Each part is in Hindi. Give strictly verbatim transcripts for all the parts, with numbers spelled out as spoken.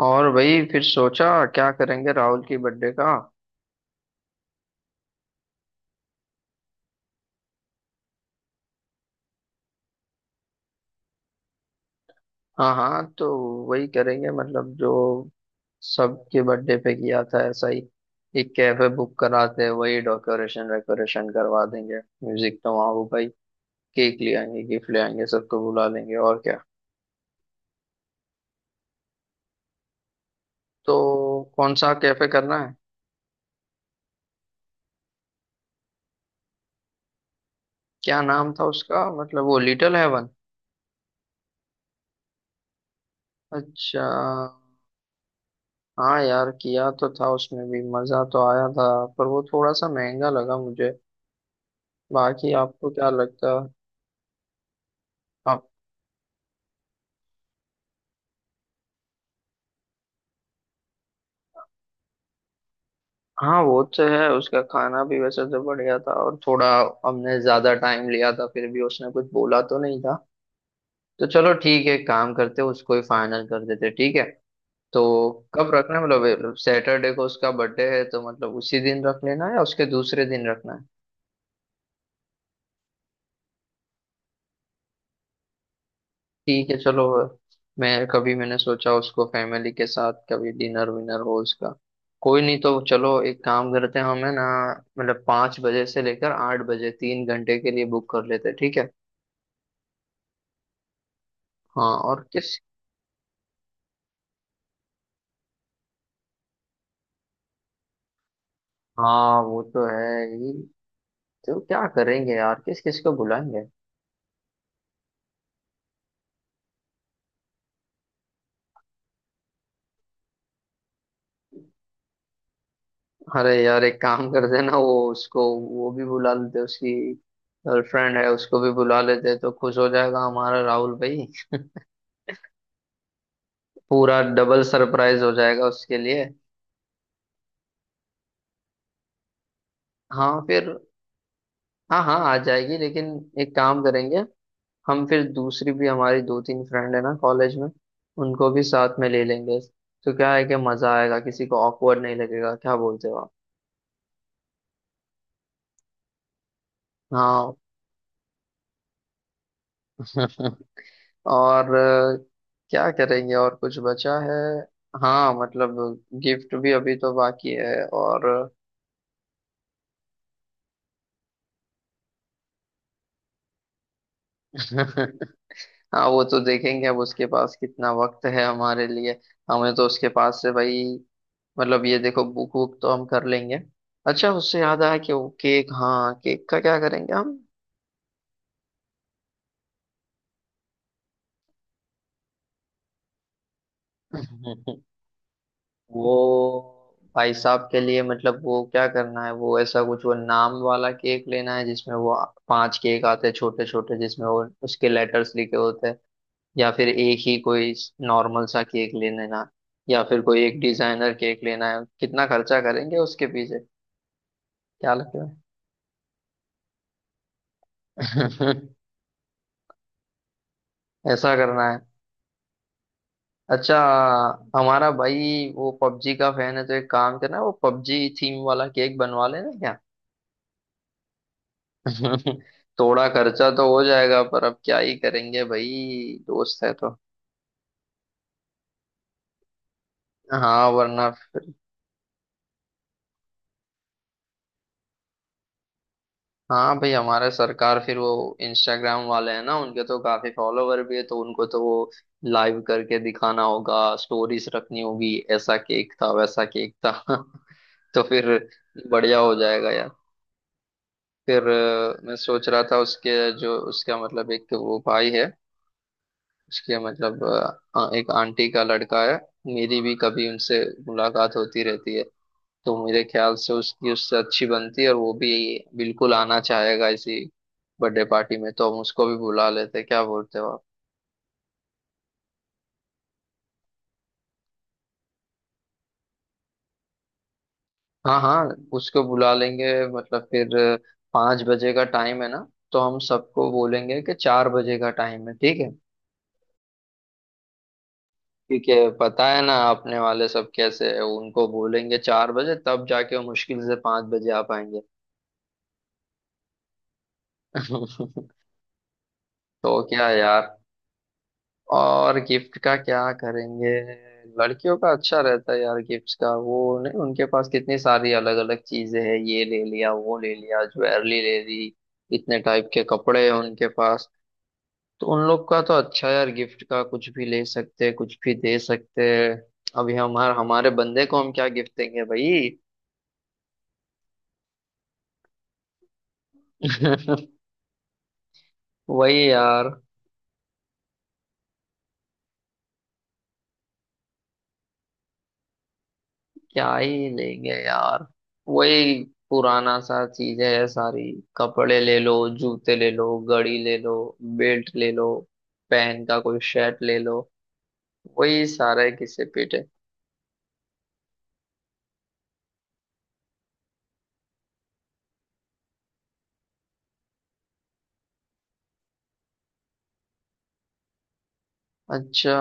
और वही फिर सोचा क्या करेंगे राहुल की बर्थडे का। हाँ हाँ, तो वही करेंगे मतलब जो सबके बर्थडे पे किया था ऐसा ही। एक कैफे बुक कराते, वही डेकोरेशन वेकोरेशन करवा देंगे, म्यूजिक तो वहाँ होगा ही, केक ले आएंगे, गिफ्ट ले आएंगे, सबको बुला लेंगे और क्या। तो कौन सा कैफे करना है? क्या नाम था उसका, मतलब वो लिटिल हेवन। अच्छा। हाँ यार, किया तो था, उसमें भी मजा तो आया था, पर वो थोड़ा सा महंगा लगा मुझे। बाकी आपको क्या लगता है? आप। हाँ वो तो है, उसका खाना भी वैसे तो बढ़िया था, और थोड़ा हमने ज्यादा टाइम लिया था फिर भी उसने कुछ बोला तो नहीं था। तो चलो ठीक है, काम करते हैं, उसको ही फाइनल कर देते, ठीक है। तो कब रखना है? मतलब सैटरडे को उसका बर्थडे है, तो मतलब उसी दिन रख लेना है या उसके दूसरे दिन रखना है? ठीक है चलो। मैं कभी, मैंने सोचा उसको फैमिली के साथ कभी डिनर विनर हो उसका। कोई नहीं, तो चलो एक काम करते हैं, हमें ना मतलब पाँच बजे से लेकर आठ बजे, तीन घंटे के लिए बुक कर लेते हैं, ठीक है। हाँ और किस। हाँ वो तो है ही। तो क्या करेंगे यार, किस किस को बुलाएंगे? अरे यार, एक काम करते हैं ना, वो उसको, वो भी बुला लेते हैं, उसकी गर्लफ्रेंड है उसको भी बुला लेते हैं, तो खुश हो जाएगा हमारा राहुल भाई। पूरा डबल सरप्राइज हो जाएगा उसके लिए। हाँ फिर। हाँ हाँ, आ जाएगी लेकिन एक काम करेंगे। हम फिर दूसरी भी, हमारी दो तीन फ्रेंड है ना कॉलेज में, उनको भी साथ में ले लेंगे। तो क्या है कि मजा आएगा, किसी को ऑकवर्ड नहीं लगेगा। क्या बोलते हो आप? हाँ। और अ, क्या करेंगे, और कुछ बचा है? हाँ मतलब गिफ्ट भी अभी तो बाकी है और। हाँ वो तो देखेंगे अब उसके पास कितना वक्त है हमारे लिए। हमें तो उसके पास से भाई मतलब ये देखो, बुक बुक तो हम कर लेंगे। अच्छा, उससे याद आया कि वो केक, हाँ केक का क्या करेंगे हम? वो भाई साहब के लिए मतलब वो क्या करना है, वो ऐसा कुछ वो नाम वाला केक लेना है जिसमें वो पांच केक आते हैं छोटे छोटे, जिसमें वो उसके लेटर्स लिखे होते हैं। या फिर एक ही कोई नॉर्मल सा केक ले लेना, या फिर कोई एक डिजाइनर केक लेना है। कितना खर्चा करेंगे उसके पीछे, क्या लगता है? ऐसा करना है। अच्छा, हमारा भाई वो पबजी का फैन है, तो एक काम करना, वो पबजी थीम वाला केक बनवा लेना क्या। थोड़ा खर्चा तो हो जाएगा पर अब क्या ही करेंगे, भाई दोस्त है तो। हाँ वरना। हाँ भाई, हमारे सरकार फिर वो इंस्टाग्राम वाले हैं ना, उनके तो काफी फॉलोवर भी है, तो उनको तो वो लाइव करके दिखाना होगा, स्टोरीज रखनी होगी, ऐसा केक था वैसा केक था। तो फिर बढ़िया हो जाएगा यार। फिर अ, मैं सोच रहा था उसके, जो उसका मतलब एक वो भाई है, उसके मतलब अ, एक आंटी का लड़का है। मेरी भी कभी उनसे मुलाकात होती रहती है, तो मेरे ख्याल से उसकी उससे अच्छी बनती है, और वो भी बिल्कुल आना चाहेगा इसी बर्थडे पार्टी में, तो हम उसको भी बुला लेते हैं। क्या बोलते हो आप? हाँ हाँ, उसको बुला लेंगे। मतलब फिर पाँच बजे का टाइम है ना, तो हम सबको बोलेंगे कि चार बजे का टाइम है, ठीक है। क्योंकि पता है ना अपने वाले सब कैसे है, उनको बोलेंगे चार बजे, तब जाके वो मुश्किल से पाँच बजे आ पाएंगे। तो क्या यार, और गिफ्ट का क्या करेंगे? लड़कियों का अच्छा रहता है यार गिफ्ट्स का, वो नहीं, उनके पास कितनी सारी अलग अलग चीजें हैं, ये ले लिया वो ले लिया, ज्वेलरी ले ली, इतने टाइप के कपड़े हैं उनके पास। तो उन लोग का तो अच्छा यार, गिफ्ट का कुछ भी ले सकते हैं, कुछ भी दे सकते हैं। अभी हमारे हमारे बंदे को हम क्या गिफ्ट देंगे भाई? वही यार, क्या ही लेंगे यार, वही पुराना सा चीज है सारी। कपड़े ले लो, जूते ले लो, घड़ी ले लो, बेल्ट ले लो, पेन का कोई शर्ट ले लो, वही सारा है, किसे पीटे। अच्छा।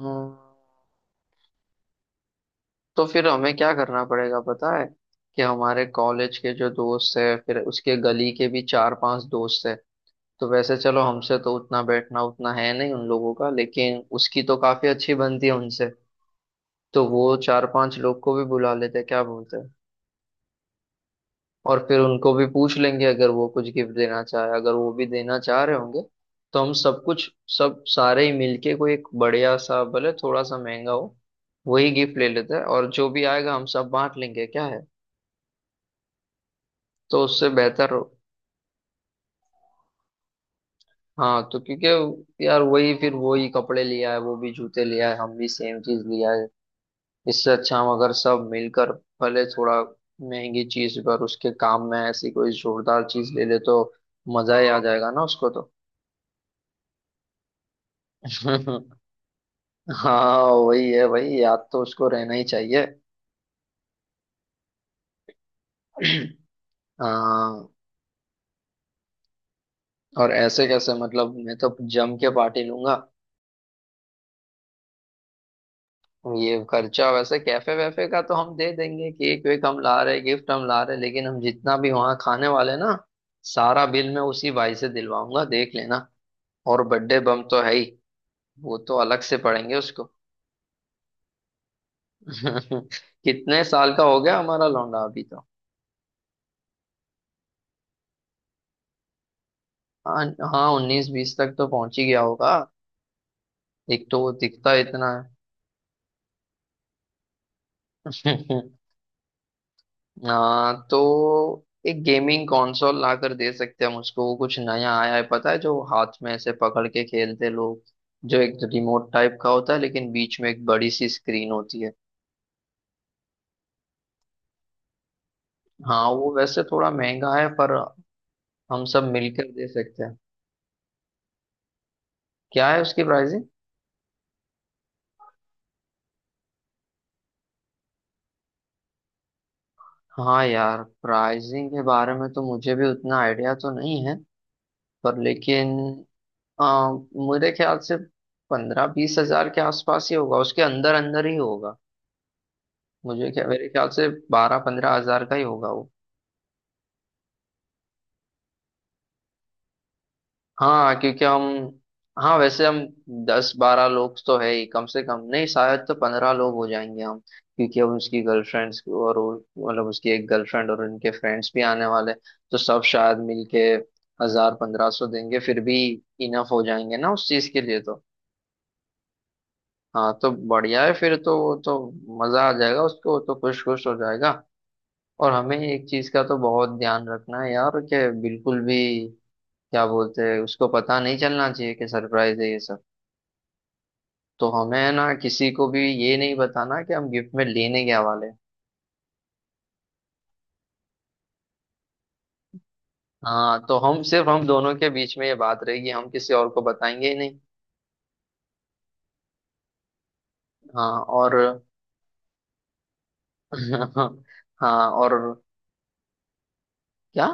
हम्म, तो फिर हमें क्या करना पड़ेगा पता है, कि हमारे कॉलेज के जो दोस्त है, फिर उसके गली के भी चार पांच दोस्त है, तो वैसे चलो हमसे तो उतना बैठना उतना है नहीं उन लोगों का, लेकिन उसकी तो काफी अच्छी बनती है उनसे, तो वो चार पांच लोग को भी बुला लेते हैं, क्या बोलते हैं। और फिर उनको भी पूछ लेंगे, अगर वो कुछ गिफ्ट देना चाहे, अगर वो भी देना चाह रहे होंगे, तो हम सब कुछ, सब सारे ही मिलके कोई एक बढ़िया सा, भले थोड़ा सा महंगा हो, वही गिफ्ट ले लेते हैं, और जो भी आएगा हम सब बांट लेंगे, क्या है। तो उससे बेहतर हो। हाँ तो क्योंकि यार, वही फिर वही कपड़े लिया है, वो भी जूते लिया है, हम भी सेम चीज लिया है। इससे अच्छा हम अगर सब मिलकर, भले थोड़ा महंगी चीज पर उसके काम में ऐसी कोई जोरदार चीज ले ले, तो मजा ही आ जाएगा ना उसको तो। हाँ वही है भाई, याद तो उसको रहना ही चाहिए। हाँ और ऐसे कैसे, मतलब मैं तो जम के पार्टी लूंगा। ये खर्चा वैसे कैफे वैफे का तो हम दे देंगे, केक वेक हम ला रहे, गिफ्ट हम ला रहे, लेकिन हम जितना भी वहाँ खाने वाले ना, सारा बिल मैं उसी भाई से दिलवाऊंगा, देख लेना। और बर्थडे बम तो है ही, वो तो अलग से पढ़ेंगे उसको। कितने साल का हो गया हमारा लौंडा अभी तो? हाँ, हाँ उन्नीस बीस तक तो पहुंच ही गया होगा। एक तो वो दिखता इतना है। हाँ तो एक गेमिंग कंसोल ला कर दे सकते हैं हम उसको, वो कुछ नया आया है पता है, जो हाथ में ऐसे पकड़ के खेलते लोग, जो एक रिमोट टाइप का होता है लेकिन बीच में एक बड़ी सी स्क्रीन होती है। हाँ वो वैसे थोड़ा महंगा है पर हम सब मिलकर दे सकते हैं। क्या है उसकी प्राइस? हाँ यार, प्राइसिंग के बारे में तो मुझे भी उतना आइडिया तो नहीं है, पर लेकिन आ, मेरे ख्याल से पंद्रह बीस हजार के आसपास ही होगा, उसके अंदर अंदर ही होगा। मुझे क्या, मेरे ख्याल से बारह पंद्रह हजार का ही होगा। हाँ क्योंकि हम, हाँ वैसे हम दस बारह लोग तो है ही कम से कम, नहीं शायद तो पंद्रह लोग हो जाएंगे हम, क्योंकि अब उसकी गर्लफ्रेंड्स और वो- मतलब उसकी एक गर्लफ्रेंड और उनके फ्रेंड्स भी आने वाले, तो सब शायद मिलके हजार पंद्रह सौ देंगे फिर भी, इनफ हो जाएंगे ना उस चीज के लिए तो। हाँ तो बढ़िया है फिर तो, वो तो मजा आ जाएगा उसको, वो तो खुश खुश हो जाएगा। और हमें एक चीज का तो बहुत ध्यान रखना है यार कि बिल्कुल भी, क्या बोलते हैं, उसको पता नहीं चलना चाहिए कि सरप्राइज है ये सब। तो हमें ना किसी को भी ये नहीं बताना कि हम गिफ्ट में लेने क्या वाले हैं। हाँ तो हम सिर्फ हम दोनों के बीच में ये बात रहेगी, हम किसी और को बताएंगे ही नहीं। हाँ और। हाँ और क्या।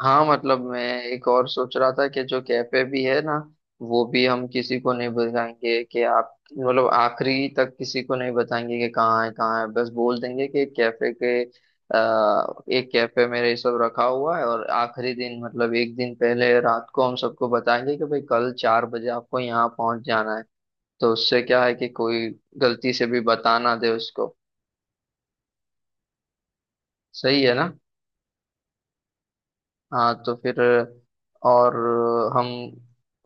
हाँ मतलब मैं एक और सोच रहा था कि जो कैफे भी है ना, वो भी हम किसी को नहीं बताएंगे कि आप, मतलब आखिरी तक किसी को नहीं बताएंगे कि कहाँ है कहाँ है, बस बोल देंगे कि कैफे के आ, एक कैफे में ये सब रखा हुआ है, और आखिरी दिन मतलब एक दिन पहले रात को हम सबको बताएंगे कि भाई कल चार बजे आपको यहाँ पहुंच जाना है। तो उससे क्या है कि कोई गलती से भी बता ना दे उसको। सही है ना? हाँ तो फिर और हम,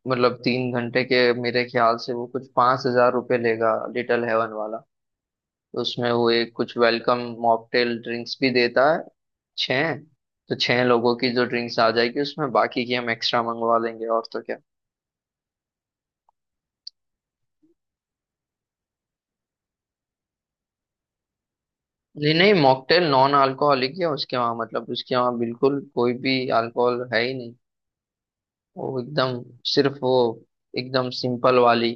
मतलब तीन घंटे के मेरे ख्याल से वो कुछ पाँच हजार रुपये लेगा लिटिल हेवन वाला। तो उसमें वो एक कुछ वेलकम मॉकटेल ड्रिंक्स भी देता है छः, तो छः लोगों की जो ड्रिंक्स आ जाएगी उसमें बाकी की हम एक्स्ट्रा मंगवा लेंगे, और तो क्या। नहीं नहीं, मॉकटेल नॉन अल्कोहलिक है उसके वहाँ, मतलब उसके वहाँ बिल्कुल कोई भी अल्कोहल है ही नहीं, वो एकदम, सिर्फ वो एकदम सिंपल वाली,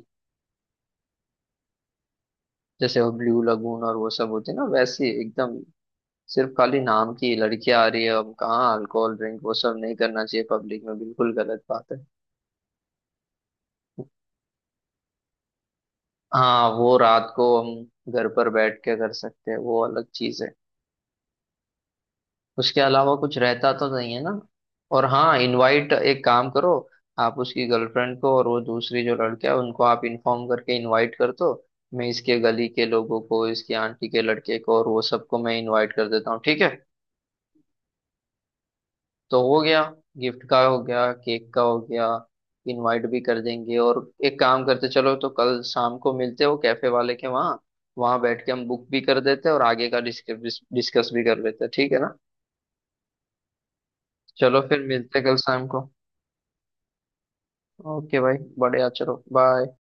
जैसे वो ब्लू लगून और वो सब होते हैं ना वैसी एकदम। सिर्फ खाली नाम की लड़कियां आ रही है अब कहाँ अल्कोहल ड्रिंक, वो सब नहीं करना चाहिए पब्लिक में, बिल्कुल गलत बात है। हाँ वो रात को हम घर पर बैठ के कर सकते हैं, वो अलग चीज है। उसके अलावा कुछ रहता तो नहीं है ना। और हाँ इनवाइट, एक काम करो, आप उसकी गर्लफ्रेंड को और वो दूसरी जो लड़का है उनको आप इन्फॉर्म करके इनवाइट कर दो। मैं इसके गली के लोगों को, इसकी आंटी के लड़के को, और वो सबको मैं इनवाइट कर देता हूँ, ठीक है। तो हो गया, गिफ्ट का हो गया, केक का हो गया, इनवाइट भी कर देंगे, और एक काम करते, चलो तो कल शाम को मिलते हो कैफे वाले के वहाँ, वहाँ बैठ के हम बुक भी कर देते हैं और आगे का डिस्कस डिस्कस भी कर लेते हैं, ठीक है ना। चलो फिर मिलते हैं कल शाम को। ओके भाई, बढ़िया, चलो बाय।